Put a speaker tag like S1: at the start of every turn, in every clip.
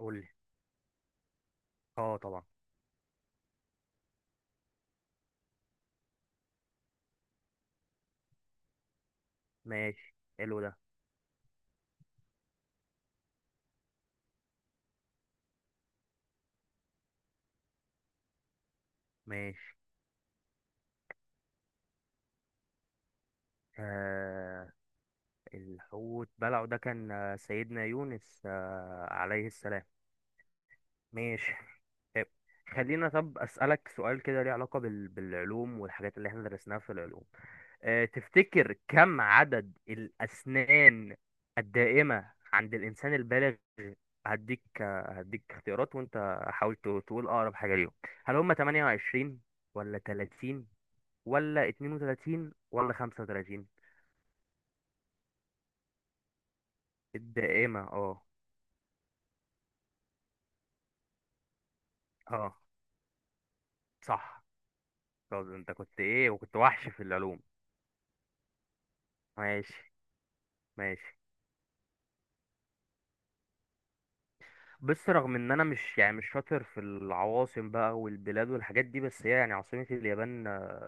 S1: قول لي. اه طبعا. ماشي، حلو ده. ماشي. آه الحوت بلعه ده كان، سيدنا يونس، عليه السلام. ماشي. طيب، خلينا أسألك سؤال كده ليه علاقة بالعلوم والحاجات اللي احنا درسناها في العلوم. تفتكر كم عدد الأسنان الدائمة عند الإنسان البالغ؟ هديك اختيارات، وانت حاول تقول أقرب حاجة ليهم. هل هم 28 ولا 30 ولا 32 ولا 35؟ الدائمة، اه. اه، صح. طب انت كنت ايه؟ وكنت وحش في العلوم. ماشي، ماشي. بس رغم ان انا مش، يعني، مش شاطر في العواصم بقى والبلاد والحاجات دي، بس هي يعني عاصمة اليابان،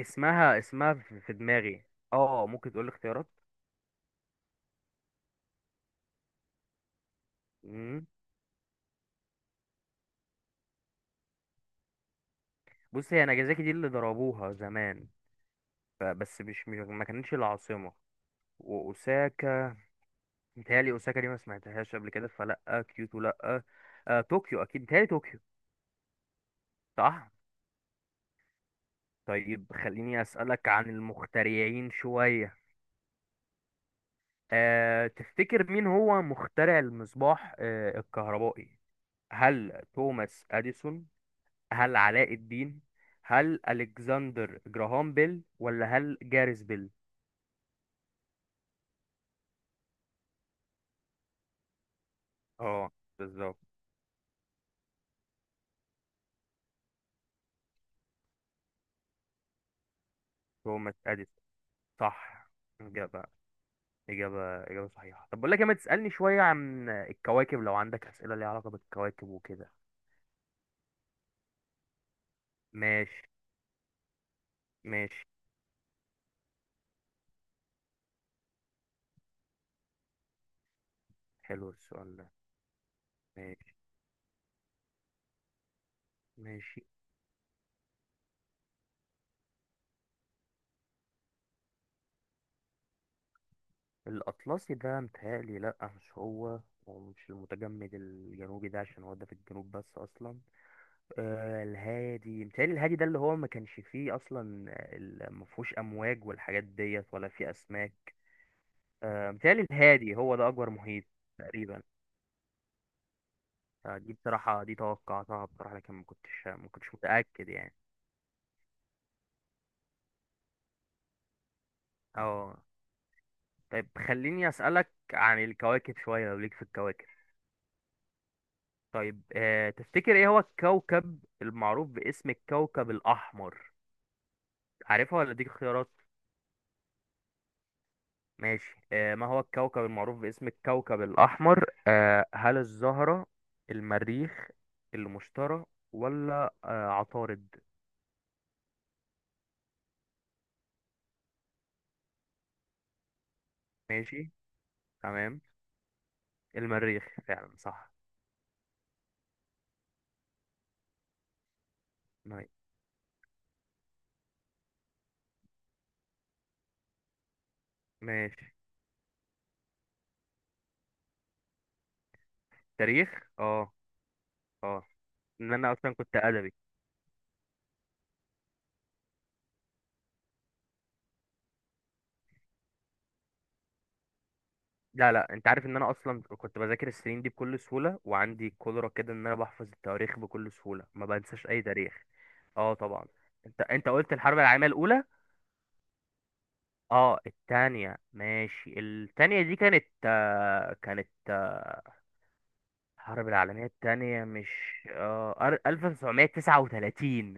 S1: اسمها في دماغي. اه، ممكن تقول لي اختيارات. مم. بص، هي ناجازاكي دي اللي ضربوها زمان. بس مش ما كانتش العاصمة. واوساكا، متهيألي أوساكا دي ما سمعتهاش قبل كده، فلأ. كيوتو لأ. طوكيو، أكيد متهيألي طوكيو. صح. طيب، خليني أسألك عن المخترعين شوية. تفتكر مين هو مخترع المصباح الكهربائي؟ هل توماس أديسون؟ هل علاء الدين؟ هل ألكسندر جراهام بيل ولا هل جاريس بيل؟ اه، بالظبط. توماس أديسون، صح. إجابة. إجابة صحيحة. طب بقول لك إيه، ما تسألني شوية عن الكواكب، لو عندك أسئلة ليها علاقة بالكواكب وكده. ماشي، ماشي. حلو السؤال ده. ماشي، ماشي. الأطلسي ده متهيألي لأ، مش هو. ومش المتجمد الجنوبي ده، عشان هو ده في الجنوب بس أصلا. الهادي، متهيألي الهادي ده اللي هو ما كانش فيه أصلا. ما فيهوش أمواج والحاجات ديت، ولا فيه أسماك. متهيألي الهادي هو ده أكبر محيط. تقريبا. فدي بصراحة دي توقعتها بصراحة، لكن ما كنتش متأكد يعني. اه. طيب، خليني أسألك عن الكواكب شوية لو ليك في الكواكب. طيب، تفتكر ايه هو الكوكب المعروف باسم الكوكب الأحمر؟ عارفها ولا اديك خيارات؟ ماشي. ما هو الكوكب المعروف باسم الكوكب الأحمر؟ هل الزهرة؟ المريخ؟ المشتري؟ ولا عطارد؟ ماشي، تمام. المريخ فعلا، صح. ماشي. ماشي. تاريخ، اه. اه، ان انا اصلا كنت ادبي. لا، لا، انت عارف ان انا اصلا كنت بذاكر السنين دي بكل سهوله، وعندي قدره كده ان انا بحفظ التواريخ بكل سهوله، ما بنساش اي تاريخ. اه طبعا. انت قلت الحرب العالميه الاولى. اه، التانية. ماشي، التانية. دي كانت، كانت الحرب العالميه التانية، مش اه 1939.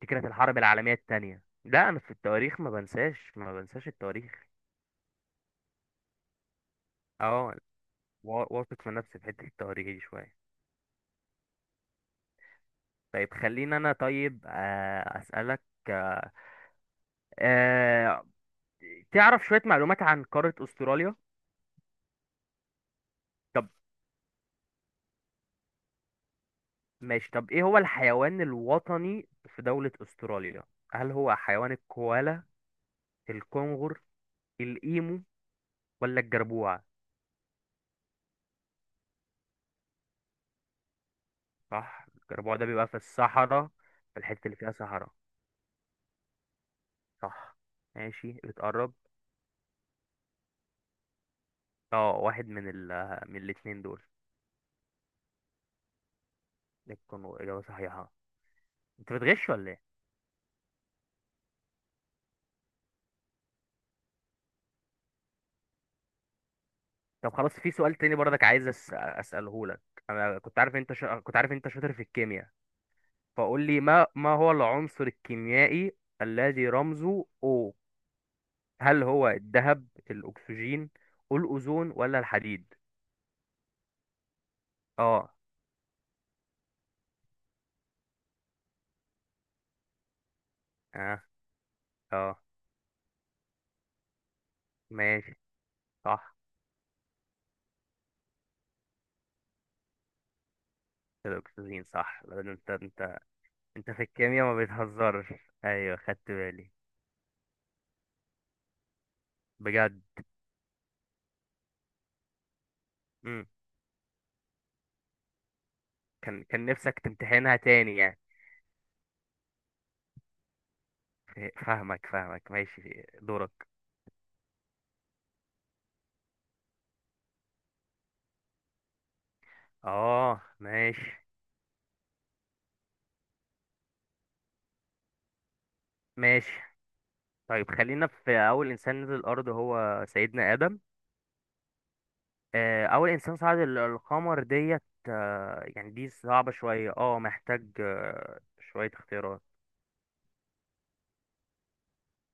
S1: دي كانت الحرب العالميه التانية. لا، انا في التواريخ ما بنساش التواريخ. اه. واثق من نفسي في حته التواريخ دي شويه. طيب، خليني انا، طيب آه، اسالك آه، آه، تعرف شويه معلومات عن قاره استراليا. طب ماشي. طب، ايه هو الحيوان الوطني في دوله استراليا؟ هل هو حيوان الكوالا؟ الكنغر؟ الايمو؟ ولا الجربوع؟ صح، الجربوع ده بيبقى في الصحراء، في الحته اللي فيها صحراء. صح، ماشي، بتقرب. اه، واحد من من الاتنين دول. الكنغر، اجابه صحيحه. انت بتغش ولا إيه؟ طب خلاص، في سؤال تاني برضك عايز اساله لك. انا كنت عارف انت شاطر في الكيمياء. فقول لي، ما هو العنصر الكيميائي الذي رمزه O؟ هل هو الذهب؟ الاكسجين؟ الاوزون؟ ولا الحديد؟ اه. اه. اه، ماشي، صح. الاكسجين، صح. لا، ده انت، انت. انت في الكيمياء ما بتهزرش. ايوه، خدت بالي. بجد. مم. كان نفسك تمتحنها تاني يعني. فاهمك، فاهمك، ماشي، دورك. اه. ماشي، ماشي. طيب، خلينا في اول انسان نزل الارض، هو سيدنا ادم. اول انسان صعد القمر ديت، يعني دي صعبة شوية، اه محتاج شوية اختيارات.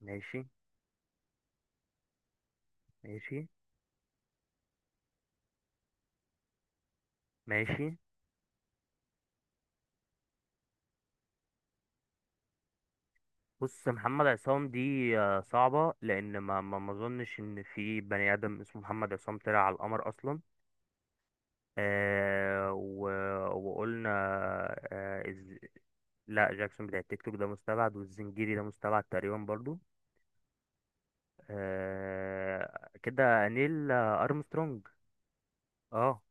S1: ماشي، ماشي، ماشي. بص، محمد عصام دي، صعبة لأن ما أظنش إن في بني آدم اسمه محمد عصام طلع على القمر أصلا. آه و... وقلنا. آه إز... لا، جاكسون بتاع التيك توك ده مستبعد، والزنجيري ده مستبعد تقريبا برضو. كده نيل، أرمسترونج. اه،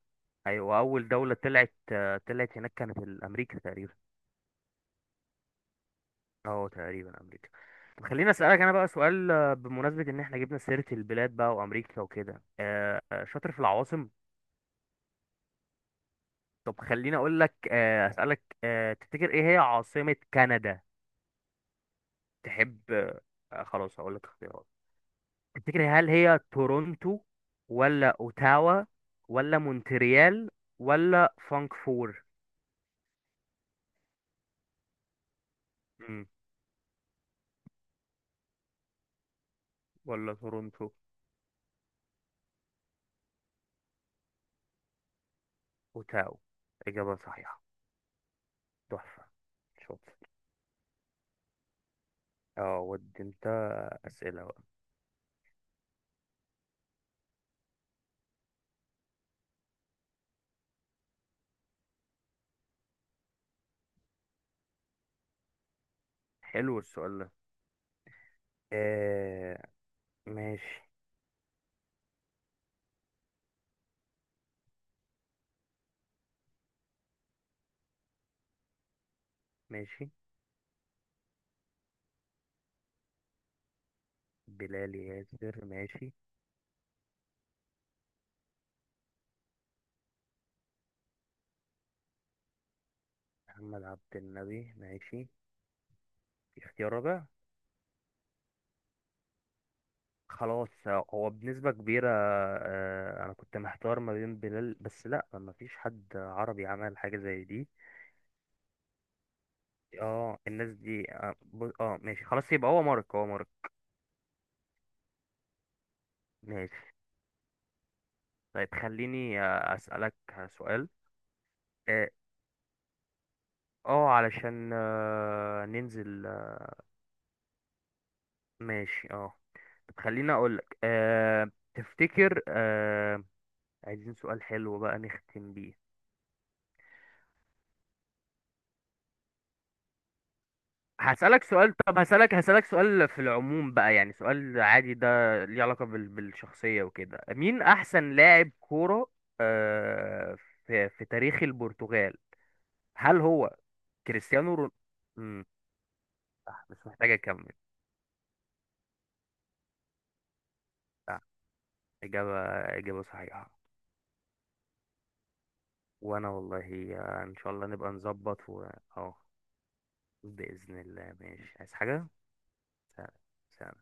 S1: أيوة. أول دولة طلعت، طلعت هناك، كانت الأمريكا تقريبا. اه، تقريبا أمريكا. طب، خليني أسألك أنا بقى سؤال، بمناسبة إن إحنا جبنا سيرة البلاد بقى، وأمريكا وكده. شاطر في العواصم. طب، خليني أقول لك آه أسألك، تفتكر إيه هي عاصمة كندا؟ تحب؟ خلاص، هقول لك اختيارات. تفتكر، هل هي تورونتو، ولا أوتاوا، ولا مونتريال، ولا فانكفور، ولا تورونتو؟ وتاو، إجابة صحيحة. تحفة. شاطر. اه، ودي انت. أسئلة بقى. حلو السؤال ده. آه ماشي. ماشي، بلال ياسر، ماشي، محمد عبد النبي، ماشي. في اختيار رابع؟ خلاص، هو بنسبة كبيرة. أنا كنت محتار ما بين بلال، بس لأ، مفيش حد عربي عمل حاجة زي دي. اه، الناس دي، اه, ماشي خلاص، يبقى هو مارك، هو مارك. ماشي. طيب، خليني أسألك سؤال، آه، اه علشان ننزل، ماشي، اه. طب، خليني اقولك تفتكر، عايزين سؤال حلو بقى نختم بيه. هسألك سؤال. طب، هسألك سؤال في العموم بقى، يعني سؤال عادي ده ليه علاقة بالشخصية وكده، مين أحسن لاعب كورة أه في تاريخ البرتغال؟ هل هو كريستيانو رون... مم، صح، مش محتاج أكمل. صح، إجابة إجابة صحيحة. وانا والله، ان شاء الله نبقى نظبط و... اه، بإذن الله. ماشي، عايز حاجة. سلام. سلام.